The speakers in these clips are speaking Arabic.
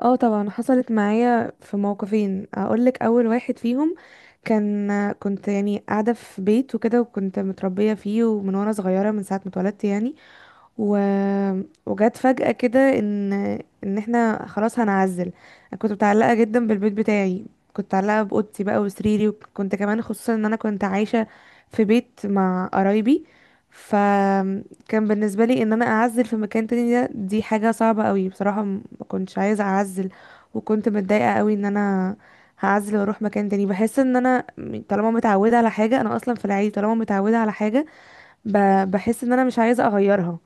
اه، طبعا حصلت معايا في موقفين. اقول لك اول واحد فيهم. كنت يعني قاعده في بيت وكده، وكنت متربيه فيه، ومن وانا صغيره من ساعه ما اتولدت يعني. و... وجت فجأة كده ان احنا خلاص هنعزل. انا كنت متعلقة جدا بالبيت بتاعي، كنت متعلقة بأوضتي بقى وسريري، وكنت كمان خصوصا ان انا كنت عايشة في بيت مع قرايبي. فكان بالنسبة لي ان انا اعزل في مكان تاني ده، دي حاجة صعبة قوي بصراحة. ما كنتش عايزة اعزل، وكنت متضايقة قوي ان انا هعزل واروح مكان تاني. بحس ان انا طالما متعودة على حاجة، انا اصلا في العادي طالما متعودة على حاجة بحس ان انا مش عايزة اغيرها.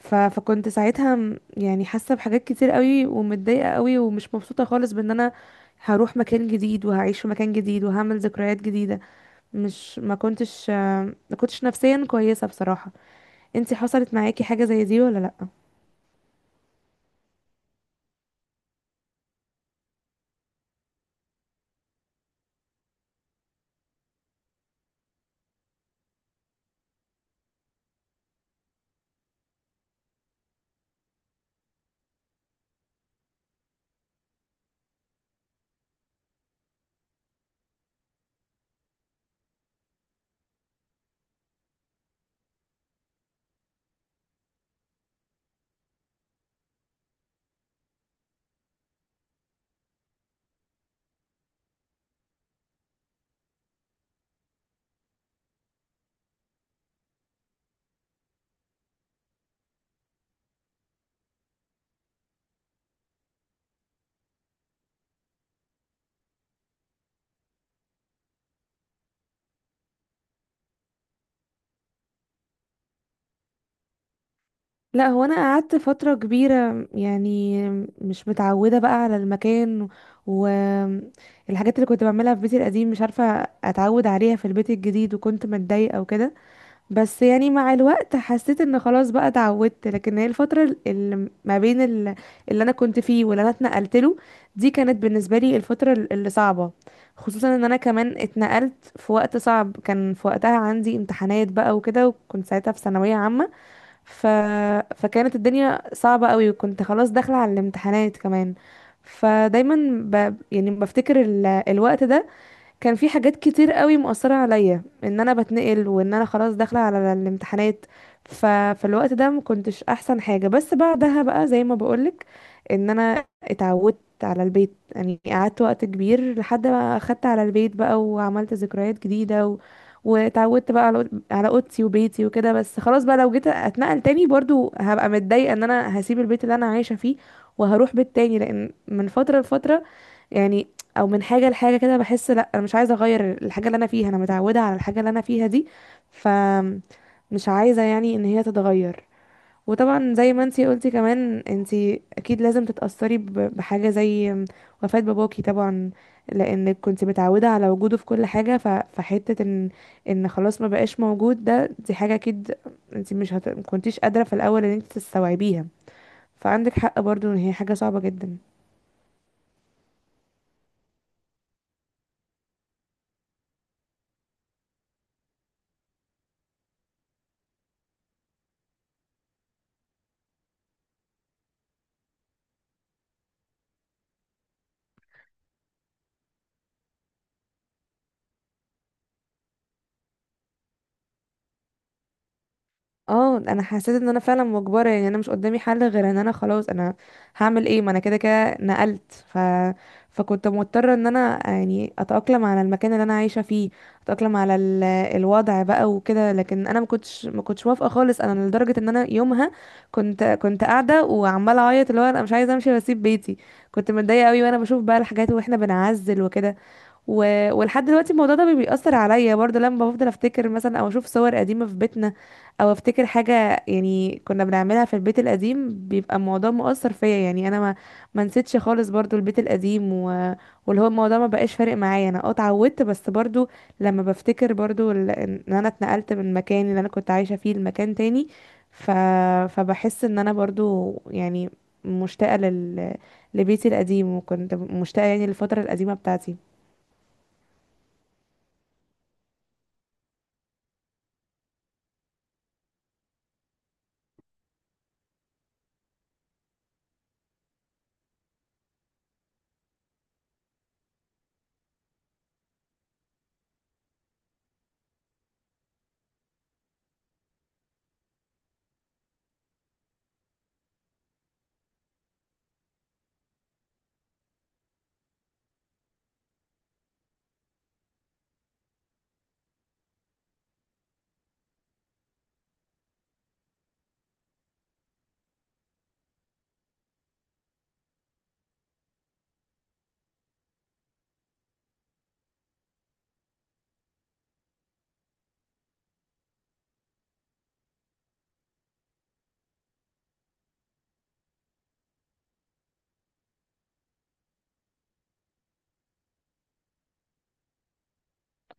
فكنت ساعتها يعني حاسه بحاجات كتير قوي، ومتضايقه قوي ومش مبسوطه خالص، بان انا هروح مكان جديد وهعيش في مكان جديد وهعمل ذكريات جديده. مش ما كنتش آه، ما كنتش نفسيا كويسه بصراحه. انتي حصلت معاكي حاجه زي دي ولا لا؟ لا، هو انا قعدت فتره كبيره يعني مش متعوده بقى على المكان، والحاجات اللي كنت بعملها في بيتي القديم مش عارفه اتعود عليها في البيت الجديد، وكنت متضايقه وكده. بس يعني مع الوقت حسيت ان خلاص بقى اتعودت، لكن هي الفترة اللي ما بين اللي انا كنت فيه واللي انا اتنقلت له، دي كانت بالنسبة لي الفترة اللي صعبة. خصوصا ان انا كمان اتنقلت في وقت صعب، كان في وقتها عندي امتحانات بقى وكده، وكنت ساعتها في ثانوية عامة. ف... فكانت الدنيا صعبة قوي، وكنت خلاص داخلة على الامتحانات كمان. فدايما يعني بفتكر الوقت ده كان في حاجات كتير قوي مؤثرة عليا، ان انا بتنقل وان انا خلاص داخلة على الامتحانات. فالوقت ده ما كنتش احسن حاجة. بس بعدها بقى، زي ما بقولك، ان انا اتعودت على البيت. يعني قعدت وقت كبير لحد ما اخدت على البيت بقى، وعملت ذكريات جديدة، واتعودت بقى على اوضتي وبيتي وكده. بس خلاص بقى لو جيت اتنقل تاني برضو هبقى متضايقة ان انا هسيب البيت اللي انا عايشة فيه وهروح بيت تاني. لان من فترة لفترة يعني، او من حاجه لحاجه كده، بحس لا، انا مش عايزه اغير الحاجه اللي انا فيها، انا متعوده على الحاجه اللي انا فيها دي. ف مش عايزه يعني ان هي تتغير. وطبعا زي ما انتي قلتي كمان، انتي اكيد لازم تتاثري بحاجه زي وفاه باباكي طبعا، لانك كنت متعوده على وجوده في كل حاجه. فحته ان خلاص ما بقاش موجود ده، دي حاجه اكيد انتي مش هت... ما كنتيش قادره في الاول ان انتي تستوعبيها. فعندك حق برضو ان هي حاجه صعبه جدا. اه، انا حسيت ان انا فعلا مجبره. يعني انا مش قدامي حل غير ان انا خلاص. انا هعمل ايه، ما انا كده كده نقلت. فكنت مضطره ان انا يعني اتاقلم على المكان اللي انا عايشه فيه، اتاقلم على الوضع بقى وكده. لكن انا ما كنتش موافقه خالص، انا لدرجه ان انا يومها كنت قاعده وعماله اعيط، اللي هو انا مش عايزه امشي واسيب بيتي. كنت متضايقه قوي وانا بشوف بقى الحاجات واحنا بنعزل وكده. و... ولحد دلوقتي الموضوع ده بيأثر عليا برضه، لما بفضل افتكر مثلا او اشوف صور قديمة في بيتنا، او افتكر حاجة يعني كنا بنعملها في البيت القديم، بيبقى الموضوع مؤثر فيا. يعني انا ما نسيتش خالص برضه البيت القديم. واللي هو الموضوع ما بقاش فارق معايا، انا اتعودت، بس برضه لما بفتكر برضه ان انا اتنقلت من مكان اللي انا كنت عايشة فيه لمكان تاني، ف... فبحس ان انا برضه يعني مشتاقة لبيتي القديم، وكنت مشتاقة يعني للفترة القديمة بتاعتي.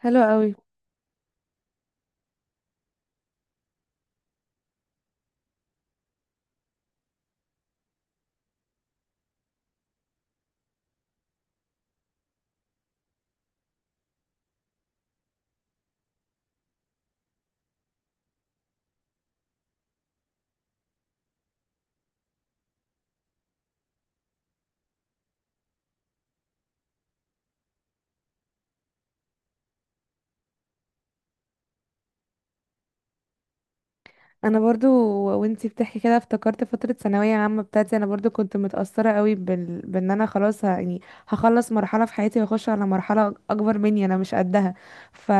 حلو قوي. انا برضو وانتي بتحكي كده افتكرت فتره ثانويه عامه بتاعتي. انا برضو كنت متاثره قوي بان انا خلاص يعني هخلص مرحله في حياتي واخش على مرحله اكبر مني انا مش قدها. ف...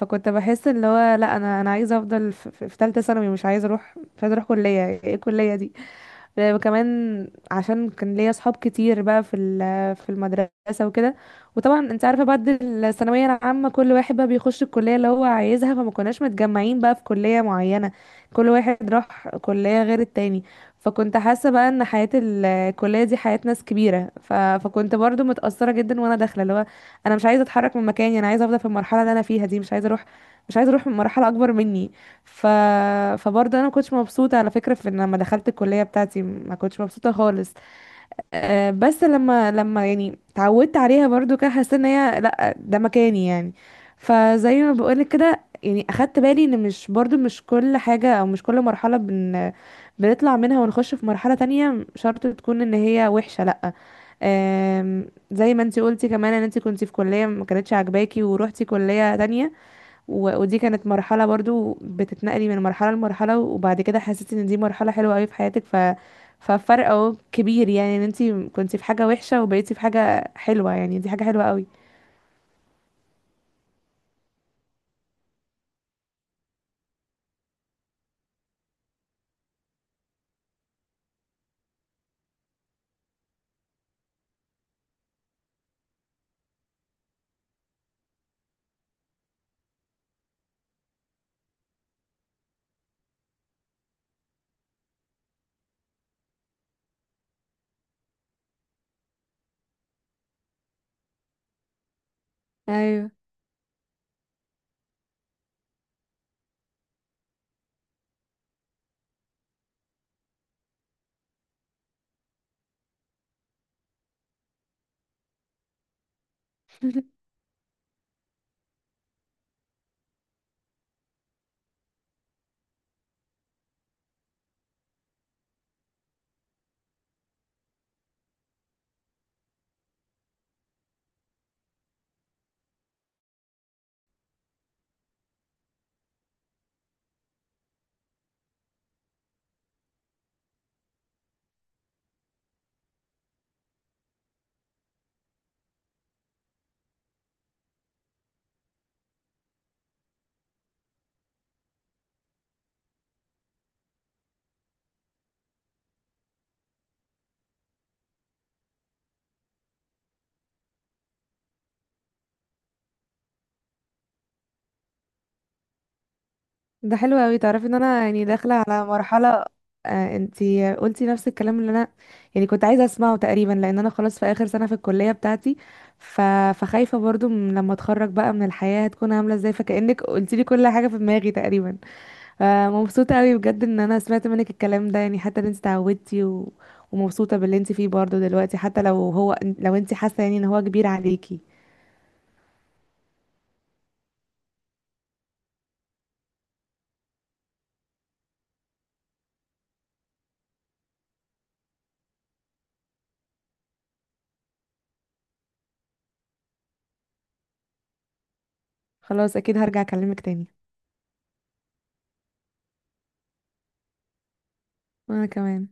فكنت بحس اللي هو لا، انا عايزه افضل في ثالثه ثانوي، مش عايزه اروح كليه، ايه الكليه دي؟ وكمان عشان كان ليا اصحاب كتير بقى في المدرسه وكده. وطبعا انت عارفه بعد الثانويه العامه كل واحد بقى بيخش الكليه اللي هو عايزها، فما كناش متجمعين بقى في كليه معينه، كل واحد راح كليه غير التاني. فكنت حاسه بقى ان حياه الكليه دي حياه ناس كبيره. فكنت برضو متاثره جدا وانا داخله، اللي هو انا مش عايزه اتحرك من مكاني، انا عايزه افضل في المرحله اللي انا فيها دي، مش عايزه اروح من مرحله اكبر مني. ف... فبرضه انا ما كنتش مبسوطه على فكره، في ان لما دخلت الكليه بتاعتي ما كنتش مبسوطه خالص. أه، بس لما يعني اتعودت عليها برضه كده، حسيت ان هي لا، ده مكاني يعني. فزي ما بقولك كده يعني، اخدت بالي ان مش كل حاجه او مش كل مرحله بنطلع منها ونخش في مرحله تانية شرط تكون ان هي وحشه، لا. أم، زي ما انتي قلتي كمان، ان انتي كنتي في كليه ما كانتش عاجباكي وروحتي كليه تانية، ودي كانت مرحلة برضو بتتنقلي من مرحلة لمرحلة، وبعد كده حسيتي ان دي مرحلة حلوة قوي في حياتك. ففرق اهو كبير، يعني ان انتي كنتي في حاجة وحشة وبقيتي في حاجة حلوة، يعني دي حاجة حلوة قوي. ايوه. ده حلو قوي. تعرفي ان انا يعني داخلة على مرحلة. انتي قلتي نفس الكلام اللي انا يعني كنت عايزة اسمعه تقريبا، لان انا خلاص في اخر سنة في الكلية بتاعتي. ف... فخايفة برضو من لما اتخرج بقى من الحياة هتكون عاملة ازاي. فكأنك قلتي لي كل حاجة في دماغي تقريبا. فمبسوطة قوي بجد ان انا سمعت منك الكلام ده، يعني حتى ان انت اتعودتي ومبسوطة باللي انت فيه برضه دلوقتي، حتى لو انت حاسة يعني ان هو كبير عليكي. خلاص، اكيد هرجع اكلمك تاني. وانا كمان.